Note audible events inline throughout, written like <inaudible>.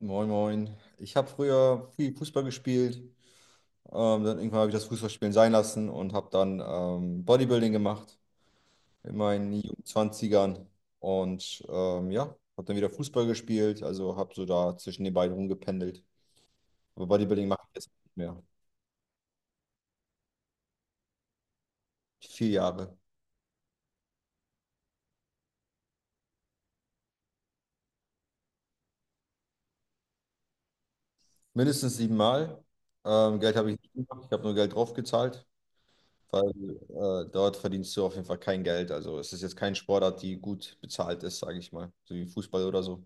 Moin, moin. Ich habe früher viel Fußball gespielt. Dann irgendwann habe ich das Fußballspielen sein lassen und habe dann Bodybuilding gemacht in meinen jungen 20. Und ja, habe dann wieder Fußball gespielt. Also habe so da zwischen den beiden rumgependelt. Aber Bodybuilding mache ich jetzt nicht mehr. 4 Jahre. Mindestens siebenmal. Geld habe ich nicht gemacht. Ich habe nur Geld draufgezahlt, weil dort verdienst du auf jeden Fall kein Geld. Also es ist jetzt kein Sportart, die gut bezahlt ist, sage ich mal. So wie Fußball oder so.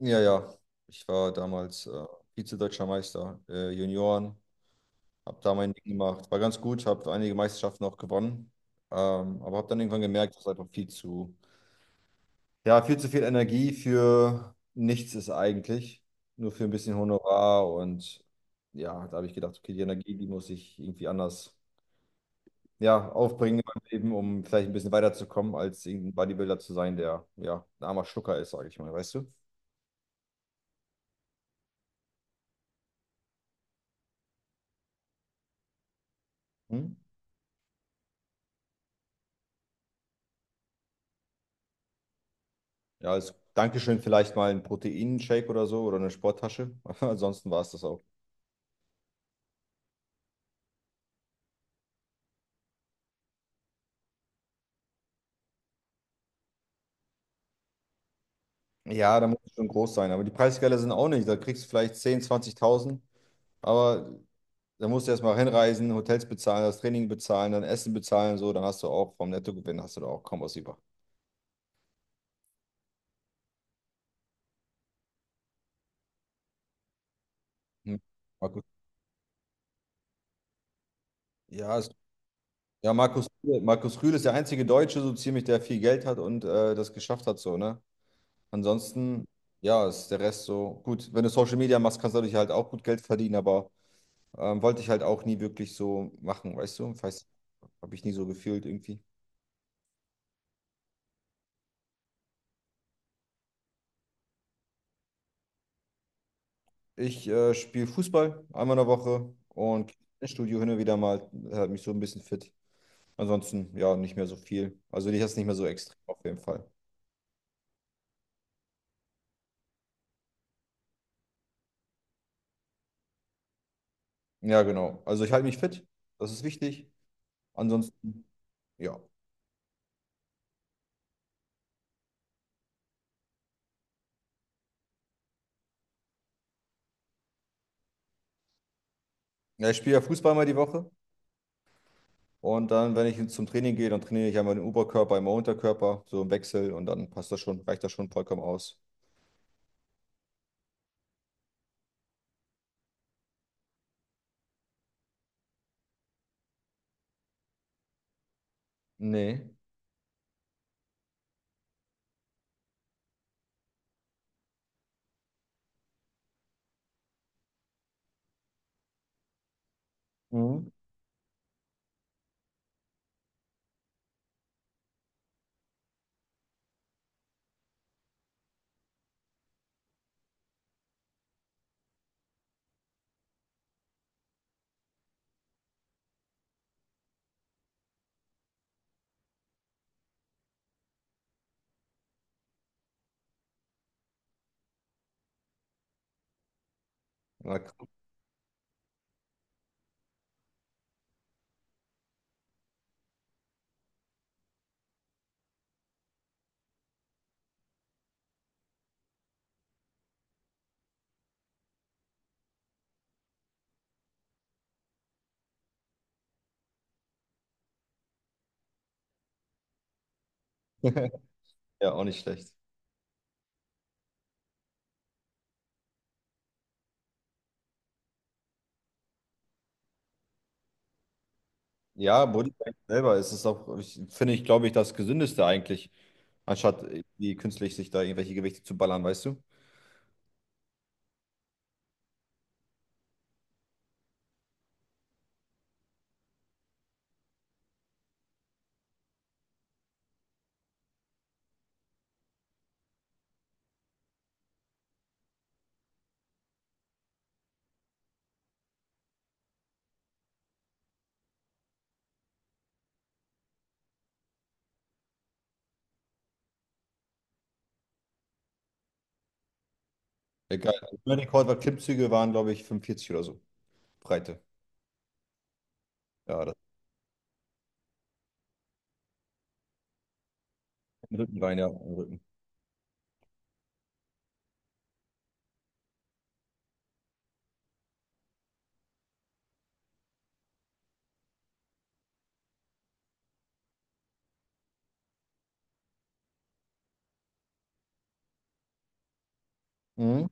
Ja, ja. Ich war damals Vize-Deutscher Meister, Junioren, habe da mein Ding gemacht, war ganz gut, habe einige Meisterschaften auch gewonnen, aber habe dann irgendwann gemerkt, dass einfach viel zu, ja, viel zu viel Energie für nichts ist eigentlich, nur für ein bisschen Honorar. Und ja, da habe ich gedacht, okay, die Energie, die muss ich irgendwie anders, ja, aufbringen in meinem Leben, um vielleicht ein bisschen weiterzukommen, als irgendein Bodybuilder zu sein, der, ja, ein armer Schlucker ist, sage ich mal, weißt du? Hm? Ja, als Dankeschön vielleicht mal ein Proteinshake oder so oder eine Sporttasche. <laughs> Ansonsten war es das auch. Ja, da muss es schon groß sein. Aber die Preisgelder sind auch nicht. Da kriegst du vielleicht 10, 20.000. Aber da musst du erstmal hinreisen, Hotels bezahlen, das Training bezahlen, dann Essen bezahlen. So, dann hast du auch vom Nettogewinn hast du da auch kaum was über. Hm. Markus. Ja, es, ja Markus, Markus Rühl ist der einzige Deutsche, so ziemlich, der viel Geld hat und das geschafft hat. So, ne? Ansonsten, ja, ist der Rest so gut. Wenn du Social Media machst, kannst du dadurch halt auch gut Geld verdienen. Aber wollte ich halt auch nie wirklich so machen, weißt du? Habe ich nie so gefühlt irgendwie. Ich spiele Fußball einmal in der Woche und ins Studio hin und wieder mal, hält mich so ein bisschen fit. Ansonsten, ja, nicht mehr so viel. Also ich jetzt nicht mehr so extrem auf jeden Fall. Ja, genau. Also ich halte mich fit, das ist wichtig. Ansonsten, ja. Ja, ich spiele ja Fußball mal die Woche und dann, wenn ich zum Training gehe, dann trainiere ich einmal den Oberkörper, einmal Unterkörper, so im Wechsel und dann passt das schon, reicht das schon vollkommen aus. Nee. Mhm. Na, krass. <laughs> Ja, auch nicht schlecht. Ja, Bodybuilding selber ist es auch, finde ich, glaube ich, das Gesündeste eigentlich, anstatt irgendwie künstlich sich da irgendwelche Gewichte zu ballern, weißt du? Egal. Mein Rekord war Klimmzüge, waren, glaube ich, 45 oder so. Breite. Ja, das im Rückenbein, ja, im Rücken. Mhm.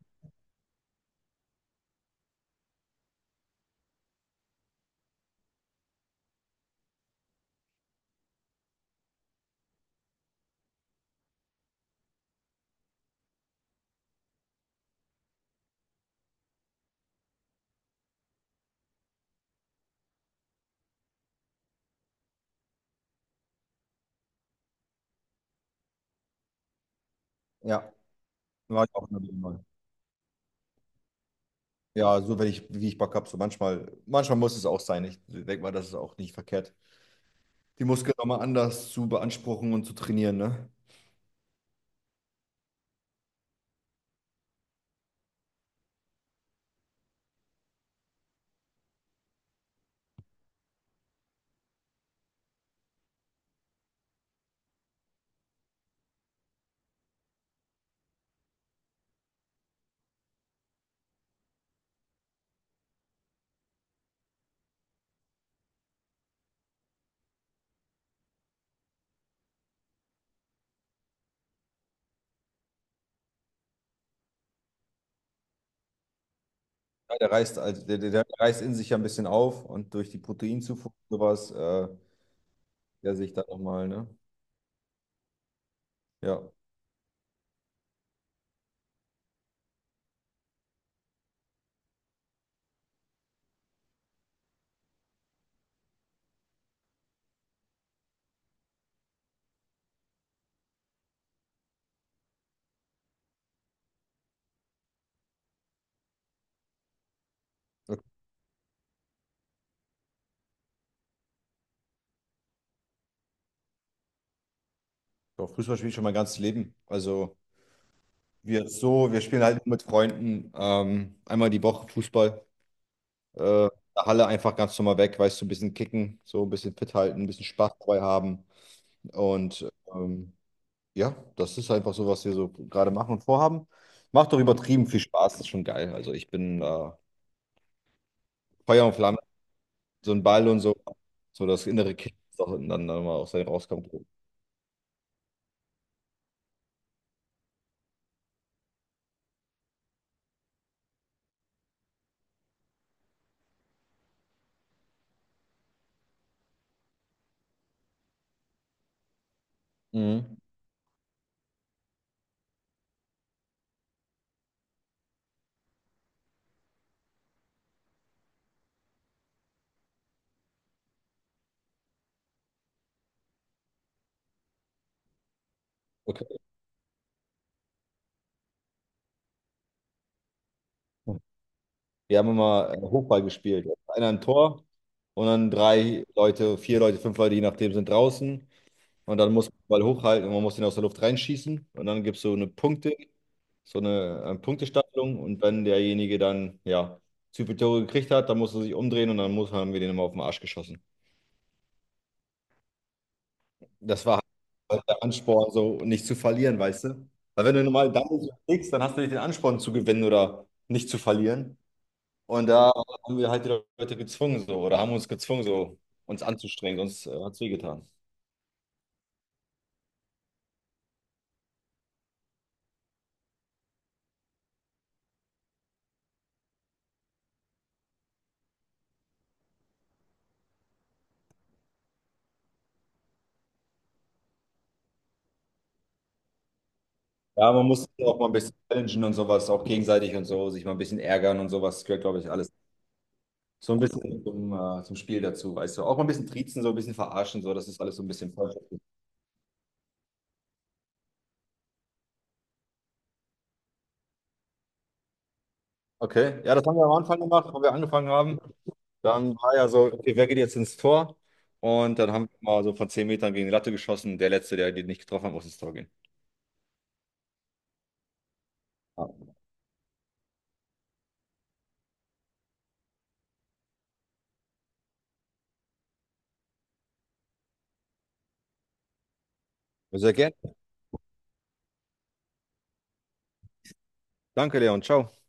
Ja, war ich auch immer wieder mal. Ja, so wenn ich, wie ich Bock habe, so manchmal, manchmal muss es auch sein. Ich denke mal, das ist auch nicht verkehrt. Die Muskeln nochmal anders zu beanspruchen und zu trainieren, ne? Ja, der reißt, also der reißt in sich ja ein bisschen auf und durch die Proteinzufuhr und sowas. Der sich da nochmal, ne? Ja. Okay. Doch, Fußball spiele ich schon mein ganzes Leben. Also wir spielen halt nur mit Freunden einmal die Woche Fußball. In der Halle einfach ganz normal weg, weißt du, ein bisschen kicken, so ein bisschen fit halten, ein bisschen Spaß dabei haben. Und ähm, ja, das ist einfach so, was wir so gerade machen und vorhaben. Macht doch übertrieben viel Spaß, das ist schon geil. Also ich bin Feuer und Flamme, so ein Ball und so, so das innere Kind, das auch dann mal aus einem rauskommt. Mhm. Okay. Wir haben immer Hochball gespielt. Einer ein Tor und dann drei Leute, vier Leute, fünf Leute, je nachdem, sind draußen. Und dann muss man den Ball hochhalten und man muss den aus der Luft reinschießen. Und dann gibt es so eine Punktestaffelung. Und wenn derjenige dann, ja, zu viele Tore gekriegt hat, dann muss er sich umdrehen und dann muss, haben wir den immer auf den Arsch geschossen. Das war halt der Ansporn, so nicht zu verlieren, weißt du? Weil wenn du normal Doubles kriegst, dann hast du nicht den Ansporn zu gewinnen oder nicht zu verlieren. Und da haben wir halt die Leute gezwungen so oder haben uns gezwungen so uns anzustrengen, sonst hat es wehgetan. Ja, man muss sich auch mal ein bisschen challengen und sowas, auch gegenseitig und so, sich mal ein bisschen ärgern und sowas, gehört, glaube ich, alles so ein bisschen zum Spiel dazu, weißt du. Auch mal ein bisschen triezen, so ein bisschen verarschen, so, das ist alles so ein bisschen freundschaftlich. Okay, ja, das haben wir am Anfang gemacht, wo wir angefangen haben. Dann war ja so, okay, wer geht jetzt ins Tor? Und dann haben wir mal so von 10 Metern gegen die Latte geschossen. Der Letzte, der die nicht getroffen hat, muss ins Tor gehen. Ja. Sehr gerne. Danke, Leon. Ciao.